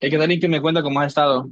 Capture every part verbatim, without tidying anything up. Eh, ¿Qué tal y que me cuenta cómo has estado?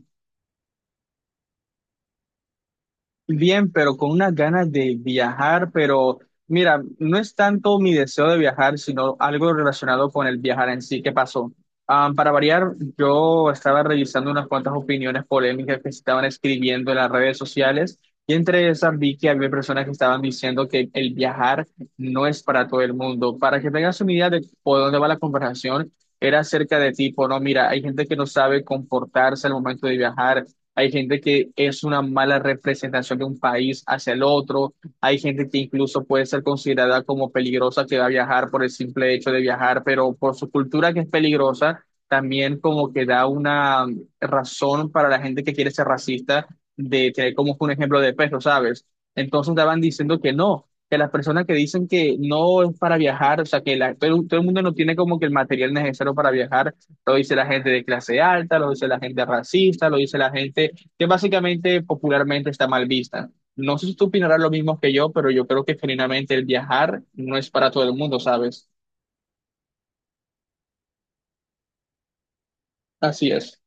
Bien, pero con unas ganas de viajar, pero mira, no es tanto mi deseo de viajar, sino algo relacionado con el viajar en sí. ¿Qué pasó? Ah, para variar, yo estaba revisando unas cuantas opiniones polémicas que se estaban escribiendo en las redes sociales y entre esas vi que había personas que estaban diciendo que el viajar no es para todo el mundo. Para que tengas una idea de por dónde va la conversación, era acerca de tipo, no, mira, hay gente que no sabe comportarse al momento de viajar, hay gente que es una mala representación de un país hacia el otro, hay gente que incluso puede ser considerada como peligrosa que va a viajar por el simple hecho de viajar, pero por su cultura que es peligrosa, también como que da una razón para la gente que quiere ser racista de tener como un ejemplo de peso, ¿sabes? Entonces estaban diciendo que no, que las personas que dicen que no es para viajar, o sea, que la- todo, todo el mundo no tiene como que el material necesario para viajar, lo dice la gente de clase alta, lo dice la gente racista, lo dice la gente que básicamente popularmente está mal vista. No sé si tú opinarás lo mismo que yo, pero yo creo que genuinamente el viajar no es para todo el mundo, ¿sabes? Así es.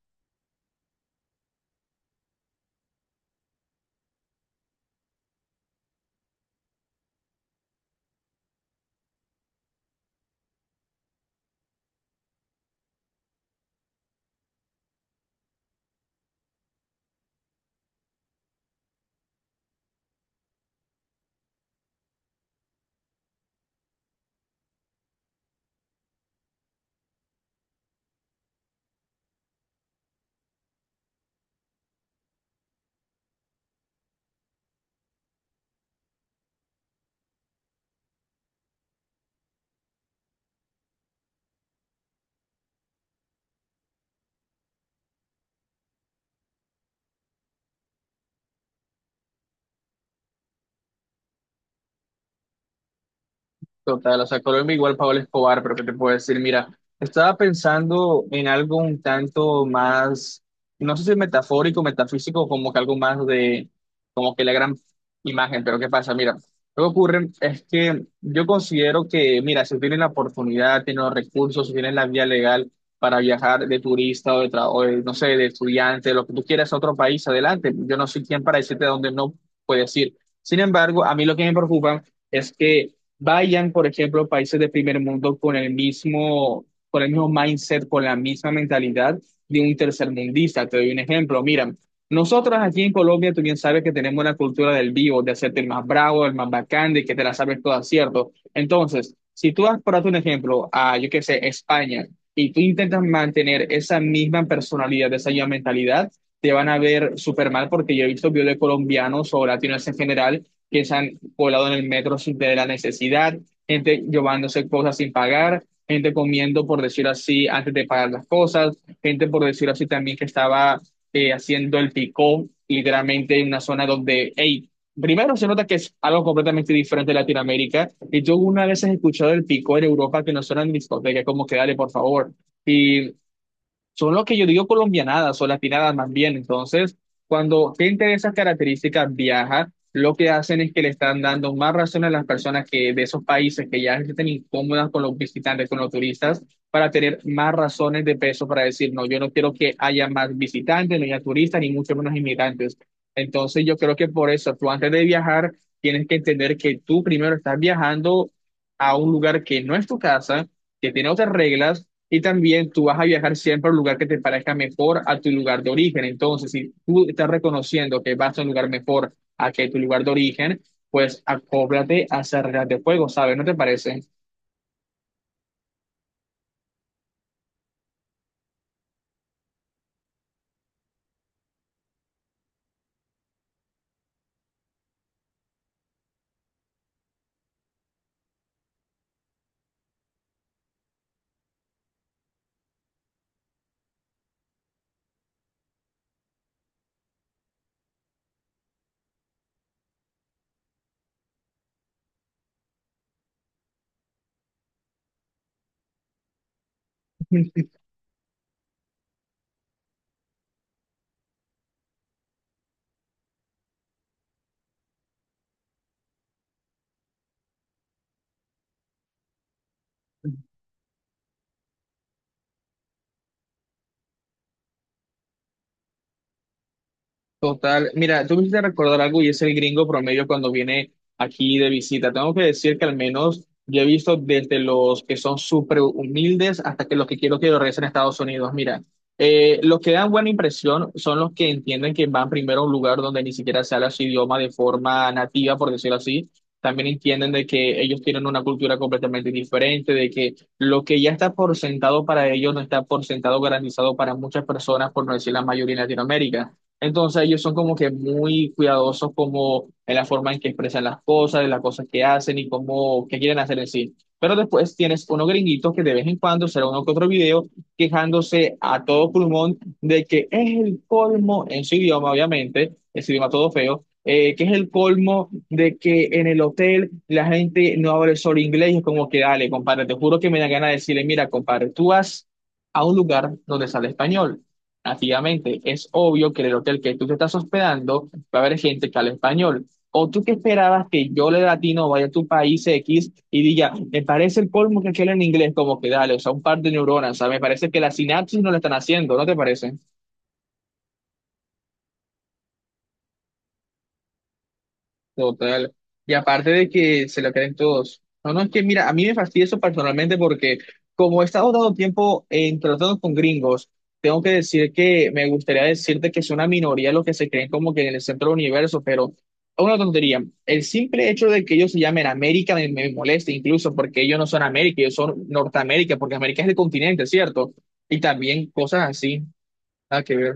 Total, o sea, Colombia igual Pablo Escobar, pero ¿qué te puedo decir? Mira, estaba pensando en algo un tanto más, no sé si metafórico, metafísico, como que algo más de, como que la gran imagen, pero ¿qué pasa? Mira, lo que ocurre es que yo considero que, mira, si tienen la oportunidad, tienen los recursos, si tienen la vía legal para viajar de turista o de, tra- o de, no sé, de estudiante, lo que tú quieras a otro país, adelante. Yo no soy quien para decirte a dónde no puedes ir. Sin embargo, a mí lo que me preocupa es que vayan, por ejemplo, países de primer mundo con el mismo, con el mismo mindset, con la misma mentalidad de un tercermundista. Te doy un ejemplo. Mira, nosotros aquí en Colombia, tú bien sabes que tenemos la cultura del vivo, de hacerte el más bravo, el más bacán, de que te la sabes toda, ¿cierto? Entonces, si tú vas, por darte un ejemplo, a, yo qué sé, España, y tú intentas mantener esa misma personalidad, esa misma mentalidad, te van a ver súper mal porque yo he visto videos de colombianos o latinos en general que se han colado en el metro sin tener la necesidad, gente llevándose cosas sin pagar, gente comiendo, por decirlo así, antes de pagar las cosas, gente, por decirlo así, también que estaba eh, haciendo el picó, literalmente en una zona donde, hey, primero se nota que es algo completamente diferente de Latinoamérica, y yo una vez he escuchado el picó en Europa que no suena en discoteca, como que dale, por favor. Y son lo que yo digo colombianadas o latinadas más bien. Entonces, cuando gente de esas características viaja, lo que hacen es que le están dando más razón a las personas que de esos países que ya se sienten incómodas con los visitantes, con los turistas, para tener más razones de peso para decir, no, yo no quiero que haya más visitantes, no haya turistas, ni mucho menos inmigrantes. Entonces, yo creo que por eso, tú antes de viajar, tienes que entender que tú primero estás viajando a un lugar que no es tu casa, que tiene otras reglas y también tú vas a viajar siempre al lugar que te parezca mejor a tu lugar de origen. Entonces, si tú estás reconociendo que vas a un lugar mejor a que tu lugar de origen, pues acóblate a hacer reglas de juego, ¿sabes? ¿No te parece? Total, mira, tú me hiciste recordar algo y es el gringo promedio cuando viene aquí de visita. Tengo que decir que al menos yo he visto desde los que son súper humildes hasta que los que quiero que regresen a Estados Unidos. Mira, eh, los que dan buena impresión son los que entienden que van primero a un lugar donde ni siquiera se habla su idioma de forma nativa, por decirlo así. También entienden de que ellos tienen una cultura completamente diferente, de que lo que ya está por sentado para ellos no está por sentado garantizado para muchas personas, por no decir la mayoría en Latinoamérica. Entonces ellos son como que muy cuidadosos como en la forma en que expresan las cosas, en las cosas que hacen y cómo, qué quieren hacer en sí. Pero después tienes unos gringuitos que de vez en cuando será uno que otro video quejándose a todo pulmón de que es el colmo en su idioma, obviamente, es idioma todo feo, eh, que es el colmo de que en el hotel la gente no habla solo inglés, es como que dale, compadre, te juro que me da ganas de decirle, mira, compadre, tú vas a un lugar donde sale español nativamente. Es obvio que en el hotel que tú te estás hospedando va a haber gente que habla español. ¿O tú qué esperabas que yo, le latino, vaya a tu país X y diga, me parece el colmo que aquel en inglés, como que dale, o sea, un par de neuronas, o sea, me parece que la sinapsis no la están haciendo, ¿no te parece? Total. Y aparte de que se lo creen todos. No, no, es que mira, a mí me fastidia eso personalmente porque como he estado dando tiempo en tratando con gringos, tengo que decir que me gustaría decirte que es una minoría los que se creen como que en el centro del universo, pero es una tontería. El simple hecho de que ellos se llamen América me, me molesta incluso porque ellos no son América, ellos son Norteamérica, porque América es el continente, ¿cierto? Y también cosas así, nada que ver.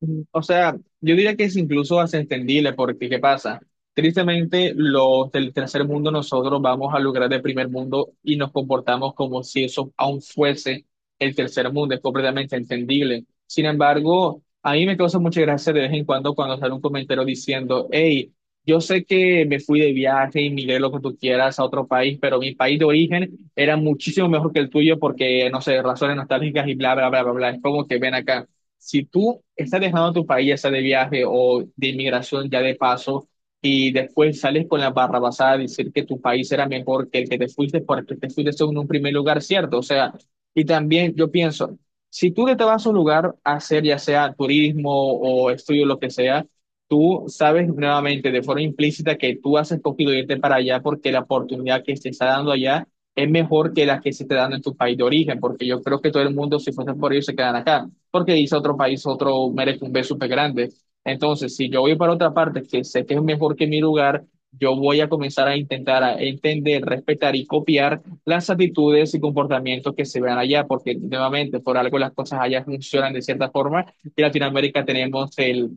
Mm, O sea, yo diría que es incluso hasta entendible porque ¿qué pasa? Tristemente, los del tercer mundo nosotros vamos al lugar del primer mundo y nos comportamos como si eso aún fuese el tercer mundo, es completamente entendible. Sin embargo, a mí me causa mucha gracia de vez en cuando cuando sale un comentario diciendo, hey, yo sé que me fui de viaje y migré lo que tú quieras a otro país, pero mi país de origen era muchísimo mejor que el tuyo porque, no sé, razones nostálgicas y bla, bla, bla, bla, bla. Es como que ven acá. Si tú estás dejando tu país, ya sea de viaje o de inmigración, ya de paso, y después sales con la barra basada a decir que tu país era mejor que el que te fuiste porque te fuiste en un primer lugar, ¿cierto? O sea, y también yo pienso, si tú te vas a un lugar a hacer ya sea turismo o estudio, lo que sea, tú sabes nuevamente de forma implícita que tú has escogido irte para allá porque la oportunidad que se está dando allá es mejor que la que se está dando en tu país de origen, porque yo creo que todo el mundo, si fuese por ello, se quedan acá porque dice otro país, otro merece un B súper grande. Entonces, si yo voy para otra parte que sé que es mejor que mi lugar, yo voy a comenzar a intentar a entender, respetar y copiar las actitudes y comportamientos que se vean allá, porque nuevamente, por algo las cosas allá funcionan de cierta forma y en Latinoamérica tenemos el,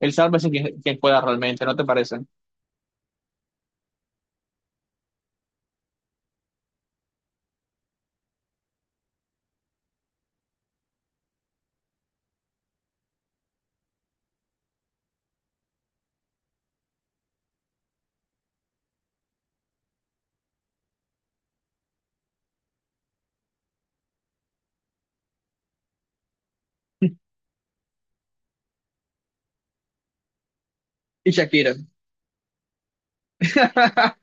el sálvese quien, quien pueda realmente, ¿no te parece? Y Shakira.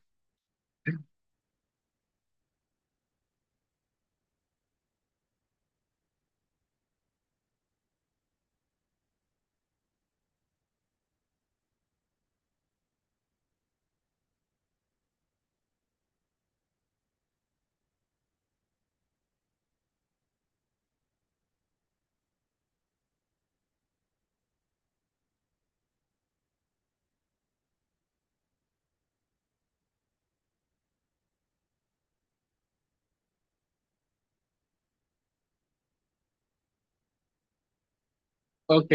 Ok.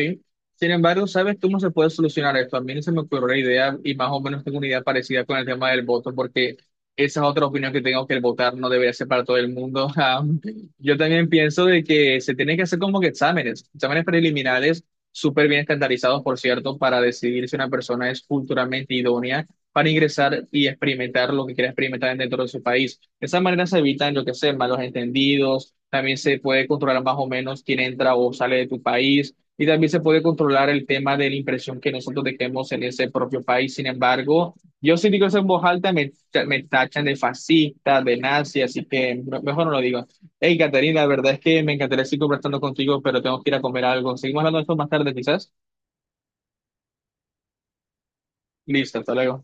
Sin embargo, ¿sabes cómo se puede solucionar esto? A mí se me ocurrió la idea y más o menos tengo una idea parecida con el tema del voto, porque esa es otra opinión que tengo que el votar no debería ser para todo el mundo. Am, Yo también pienso de que se tienen que hacer como que exámenes, exámenes preliminares, súper bien estandarizados, por cierto, para decidir si una persona es culturalmente idónea para ingresar y experimentar lo que quiera experimentar dentro de su país. De esa manera se evitan, lo que sé, malos entendidos, también se puede controlar más o menos quién entra o sale de tu país y también se puede controlar el tema de la impresión que nosotros dejemos en ese propio país. Sin embargo, yo si digo eso en voz alta, me, me tachan de fascista, de nazi, así que me- mejor no lo digo. Hey, Caterina, la verdad es que me encantaría seguir conversando contigo, pero tengo que ir a comer algo. Seguimos hablando de esto más tarde, quizás. Listo, hasta luego.